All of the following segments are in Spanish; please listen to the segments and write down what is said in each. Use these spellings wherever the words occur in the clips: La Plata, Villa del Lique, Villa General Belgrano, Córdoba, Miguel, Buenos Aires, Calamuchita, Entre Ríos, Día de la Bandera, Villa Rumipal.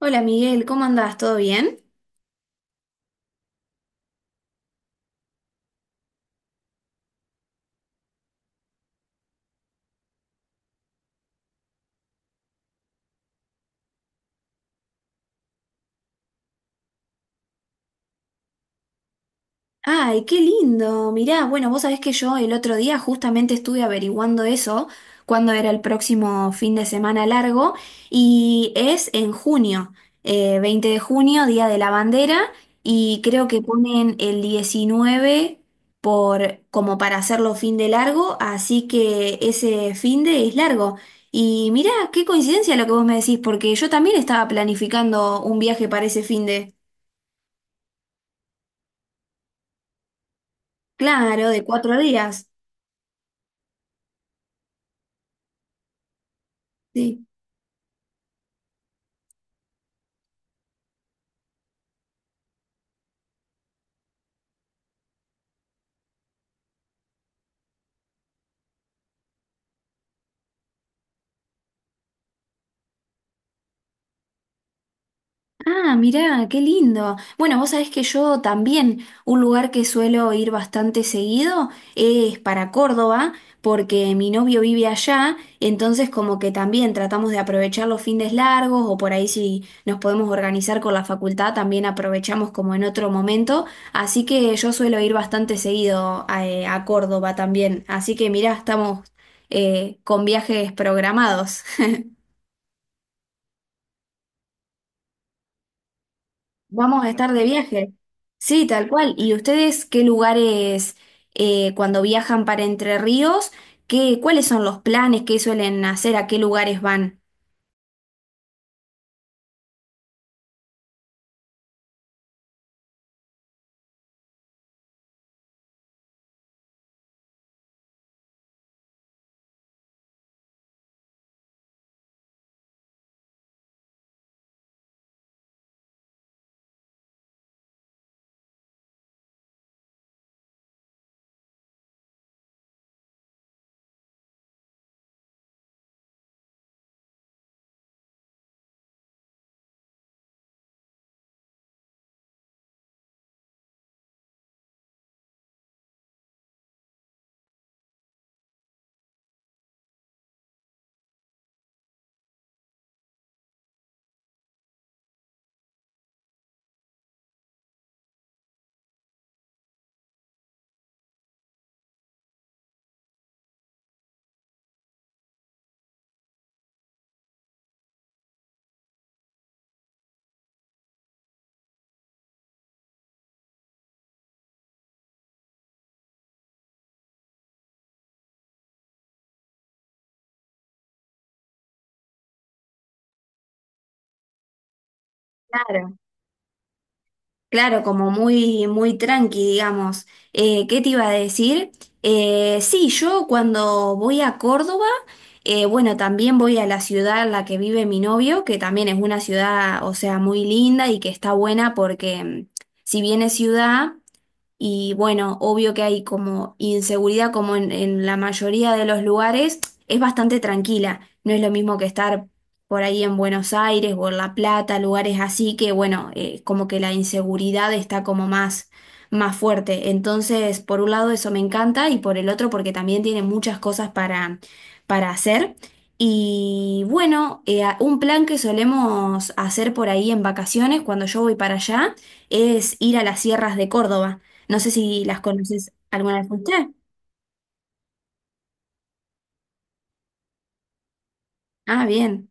Hola Miguel, ¿cómo andás? ¿Todo bien? Ay, qué lindo. Mirá, bueno, vos sabés que yo el otro día justamente estuve averiguando eso, cuándo era el próximo fin de semana largo, y es en junio, 20 de junio, Día de la Bandera, y creo que ponen el 19 como para hacerlo fin de largo, así que ese fin de es largo. Y mirá, qué coincidencia lo que vos me decís, porque yo también estaba planificando un viaje para ese fin de... Claro, de 4 días. Sí. Ah, mirá, qué lindo. Bueno, vos sabés que yo también, un lugar que suelo ir bastante seguido es para Córdoba, porque mi novio vive allá, entonces como que también tratamos de aprovechar los fines largos o por ahí si nos podemos organizar con la facultad, también aprovechamos como en otro momento. Así que yo suelo ir bastante seguido a Córdoba también. Así que mirá, estamos con viajes programados. Vamos a estar de viaje. Sí, tal cual. ¿Y ustedes qué lugares cuando viajan para Entre Ríos, cuáles son los planes que suelen hacer, a qué lugares van? Claro. Claro, como muy, muy tranqui, digamos. ¿Qué te iba a decir? Sí, yo cuando voy a Córdoba, bueno, también voy a la ciudad en la que vive mi novio, que también es una ciudad, o sea, muy linda y que está buena porque si bien es ciudad. Y bueno, obvio que hay como inseguridad, como en la mayoría de los lugares, es bastante tranquila. No es lo mismo que estar por ahí en Buenos Aires o en La Plata, lugares así que, bueno, como que la inseguridad está como más, más fuerte. Entonces, por un lado eso me encanta y por el otro porque también tiene muchas cosas para hacer. Y bueno, un plan que solemos hacer por ahí en vacaciones cuando yo voy para allá es ir a las sierras de Córdoba. No sé si las conoces alguna vez usted. Ah, bien.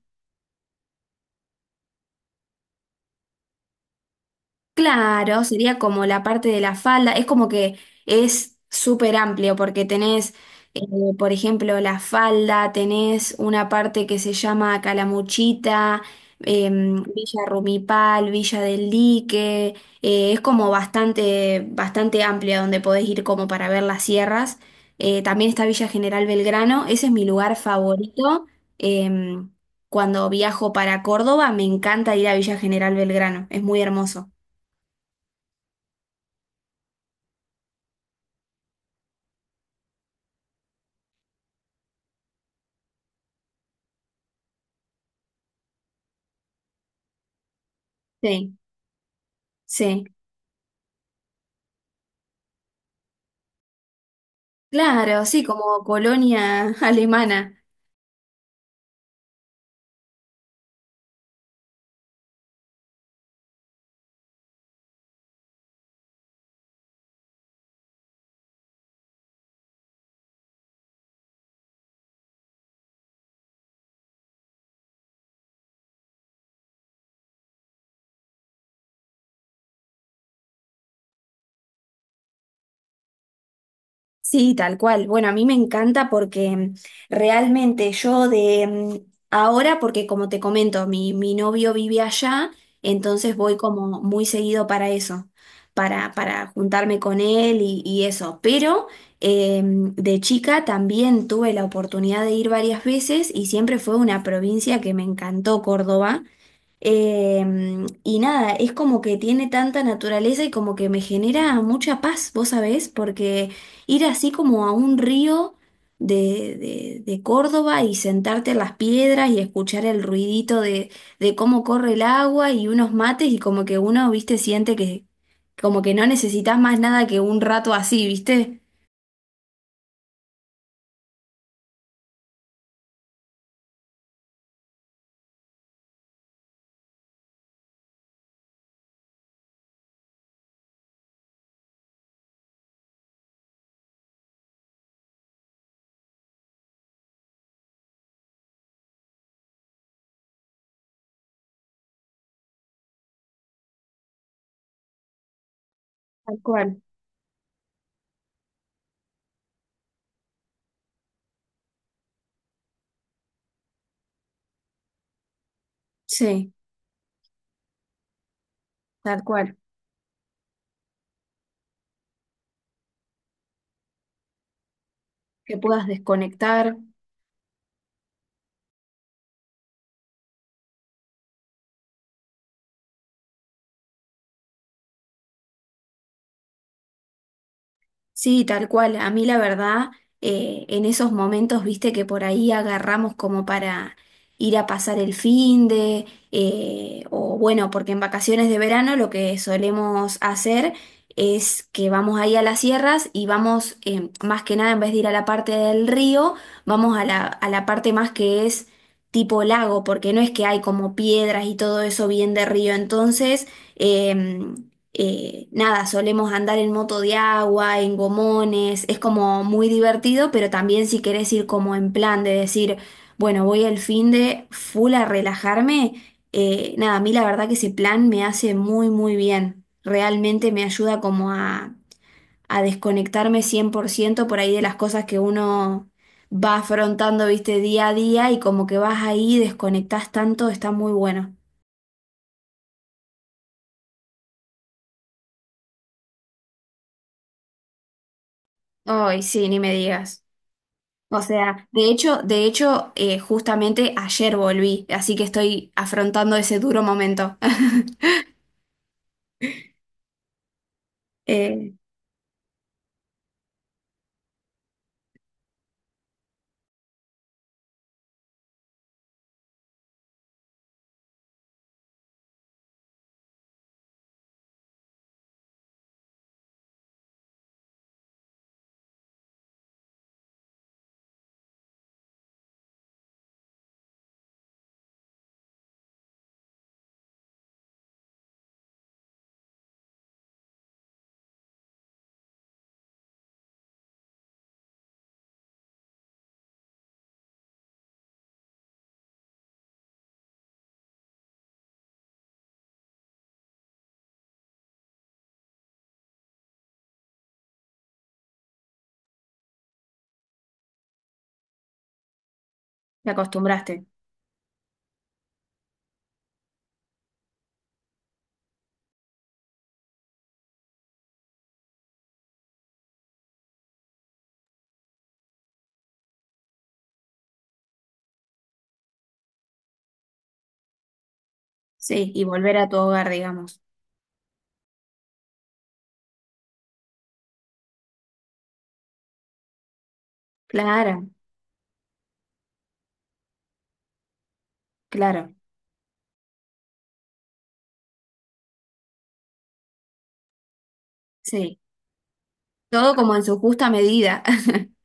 Claro, sería como la parte de la falda, es como que es súper amplio porque tenés, eh, por ejemplo, la falda, tenés una parte que se llama Calamuchita, Villa Rumipal, Villa del Lique, es como bastante, bastante amplia donde podés ir como para ver las sierras. También está Villa General Belgrano, ese es mi lugar favorito. em, cuando viajo para Córdoba, me encanta ir a Villa General Belgrano, es muy hermoso. Sí, sí, claro, sí, como colonia alemana. Sí, tal cual. Bueno, a mí me encanta porque realmente yo de ahora, porque como te comento, mi novio vive allá, entonces voy como muy seguido para eso, para juntarme con él y eso. Pero de chica también tuve la oportunidad de ir varias veces y siempre fue una provincia que me encantó, Córdoba. Y nada, es como que tiene tanta naturaleza y como que me genera mucha paz, vos sabés, porque ir así como a un río de, de Córdoba y sentarte en las piedras y escuchar el ruidito de cómo corre el agua y unos mates y como que uno, viste, siente que como que no necesitas más nada que un rato así, ¿viste? Tal cual. Sí, tal cual. Que puedas desconectar. Sí, tal cual. A mí la verdad, en esos momentos, viste que por ahí agarramos como para ir a pasar el fin de, o bueno, porque en vacaciones de verano lo que solemos hacer es que vamos ahí a las sierras y vamos, más que nada, en vez de ir a la parte del río, vamos a la parte más que es tipo lago, porque no es que hay como piedras y todo eso bien de río. Entonces, em, nada, solemos andar en moto de agua, en gomones, es como muy divertido, pero también si querés ir como en plan de decir, bueno, voy el fin de full a relajarme, nada, a mí la verdad que ese plan me hace muy, muy bien, realmente me ayuda como a desconectarme 100% por ciento por ahí de las cosas que uno... va afrontando, viste, día a día y como que vas ahí, desconectás tanto, está muy bueno. Ay, sí, ni me digas. O sea, de hecho, justamente ayer volví, así que estoy afrontando ese duro momento. Eh, te acostumbraste, sí, y volver a tu hogar, digamos. Claro, claro, sí. Todo como en su justa medida.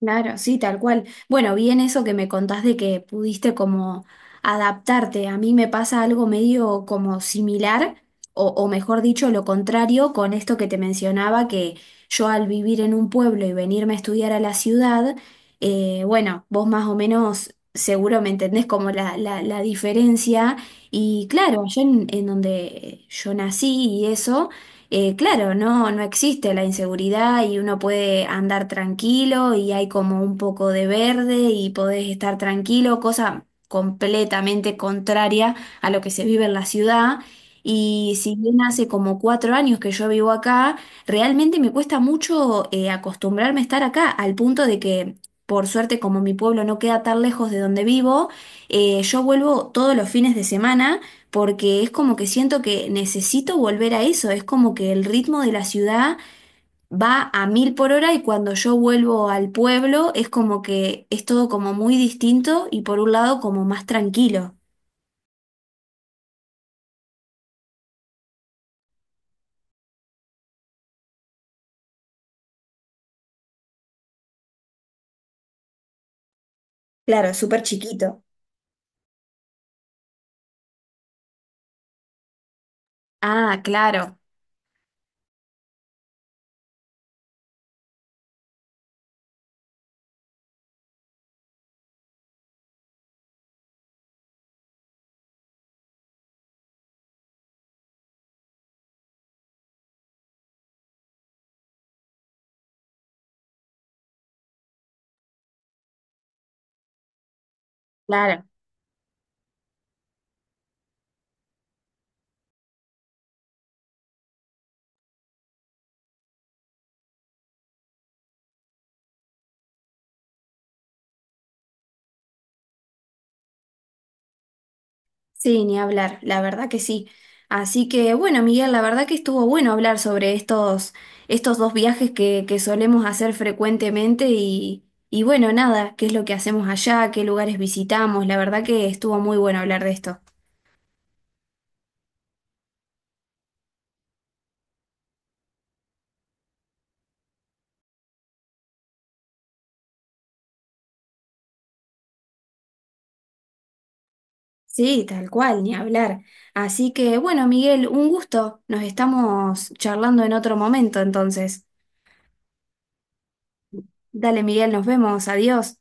Claro, sí, tal cual. Bueno, bien eso que me contás de que pudiste como adaptarte. A mí me pasa algo medio como similar, o mejor dicho, lo contrario, con esto que te mencionaba, que yo al vivir en un pueblo y venirme a estudiar a la ciudad, bueno, vos más o menos seguro me entendés como la diferencia. Y claro, yo en donde yo nací y eso claro, no existe la inseguridad y uno puede andar tranquilo y hay como un poco de verde y podés estar tranquilo, cosa completamente contraria a lo que se vive en la ciudad. Y si bien hace como 4 años que yo vivo acá, realmente me cuesta mucho acostumbrarme a estar acá, al punto de que, por suerte, como mi pueblo no queda tan lejos de donde vivo, yo vuelvo todos los fines de semana porque es como que siento que necesito volver a eso, es como que el ritmo de la ciudad va a mil por hora y cuando yo vuelvo al pueblo es como que es todo como muy distinto y por un lado como más tranquilo. Claro, súper chiquito. Ah, claro, claro. Sí, ni hablar, la verdad que sí. Así que bueno, Miguel, la verdad que estuvo bueno hablar sobre estos dos viajes que solemos hacer frecuentemente y bueno, nada, qué es lo que hacemos allá, qué lugares visitamos, la verdad que estuvo muy bueno hablar de esto. Sí, tal cual, ni hablar. Así que bueno, Miguel, un gusto. Nos estamos charlando en otro momento, entonces. Dale, Miguel, nos vemos, adiós.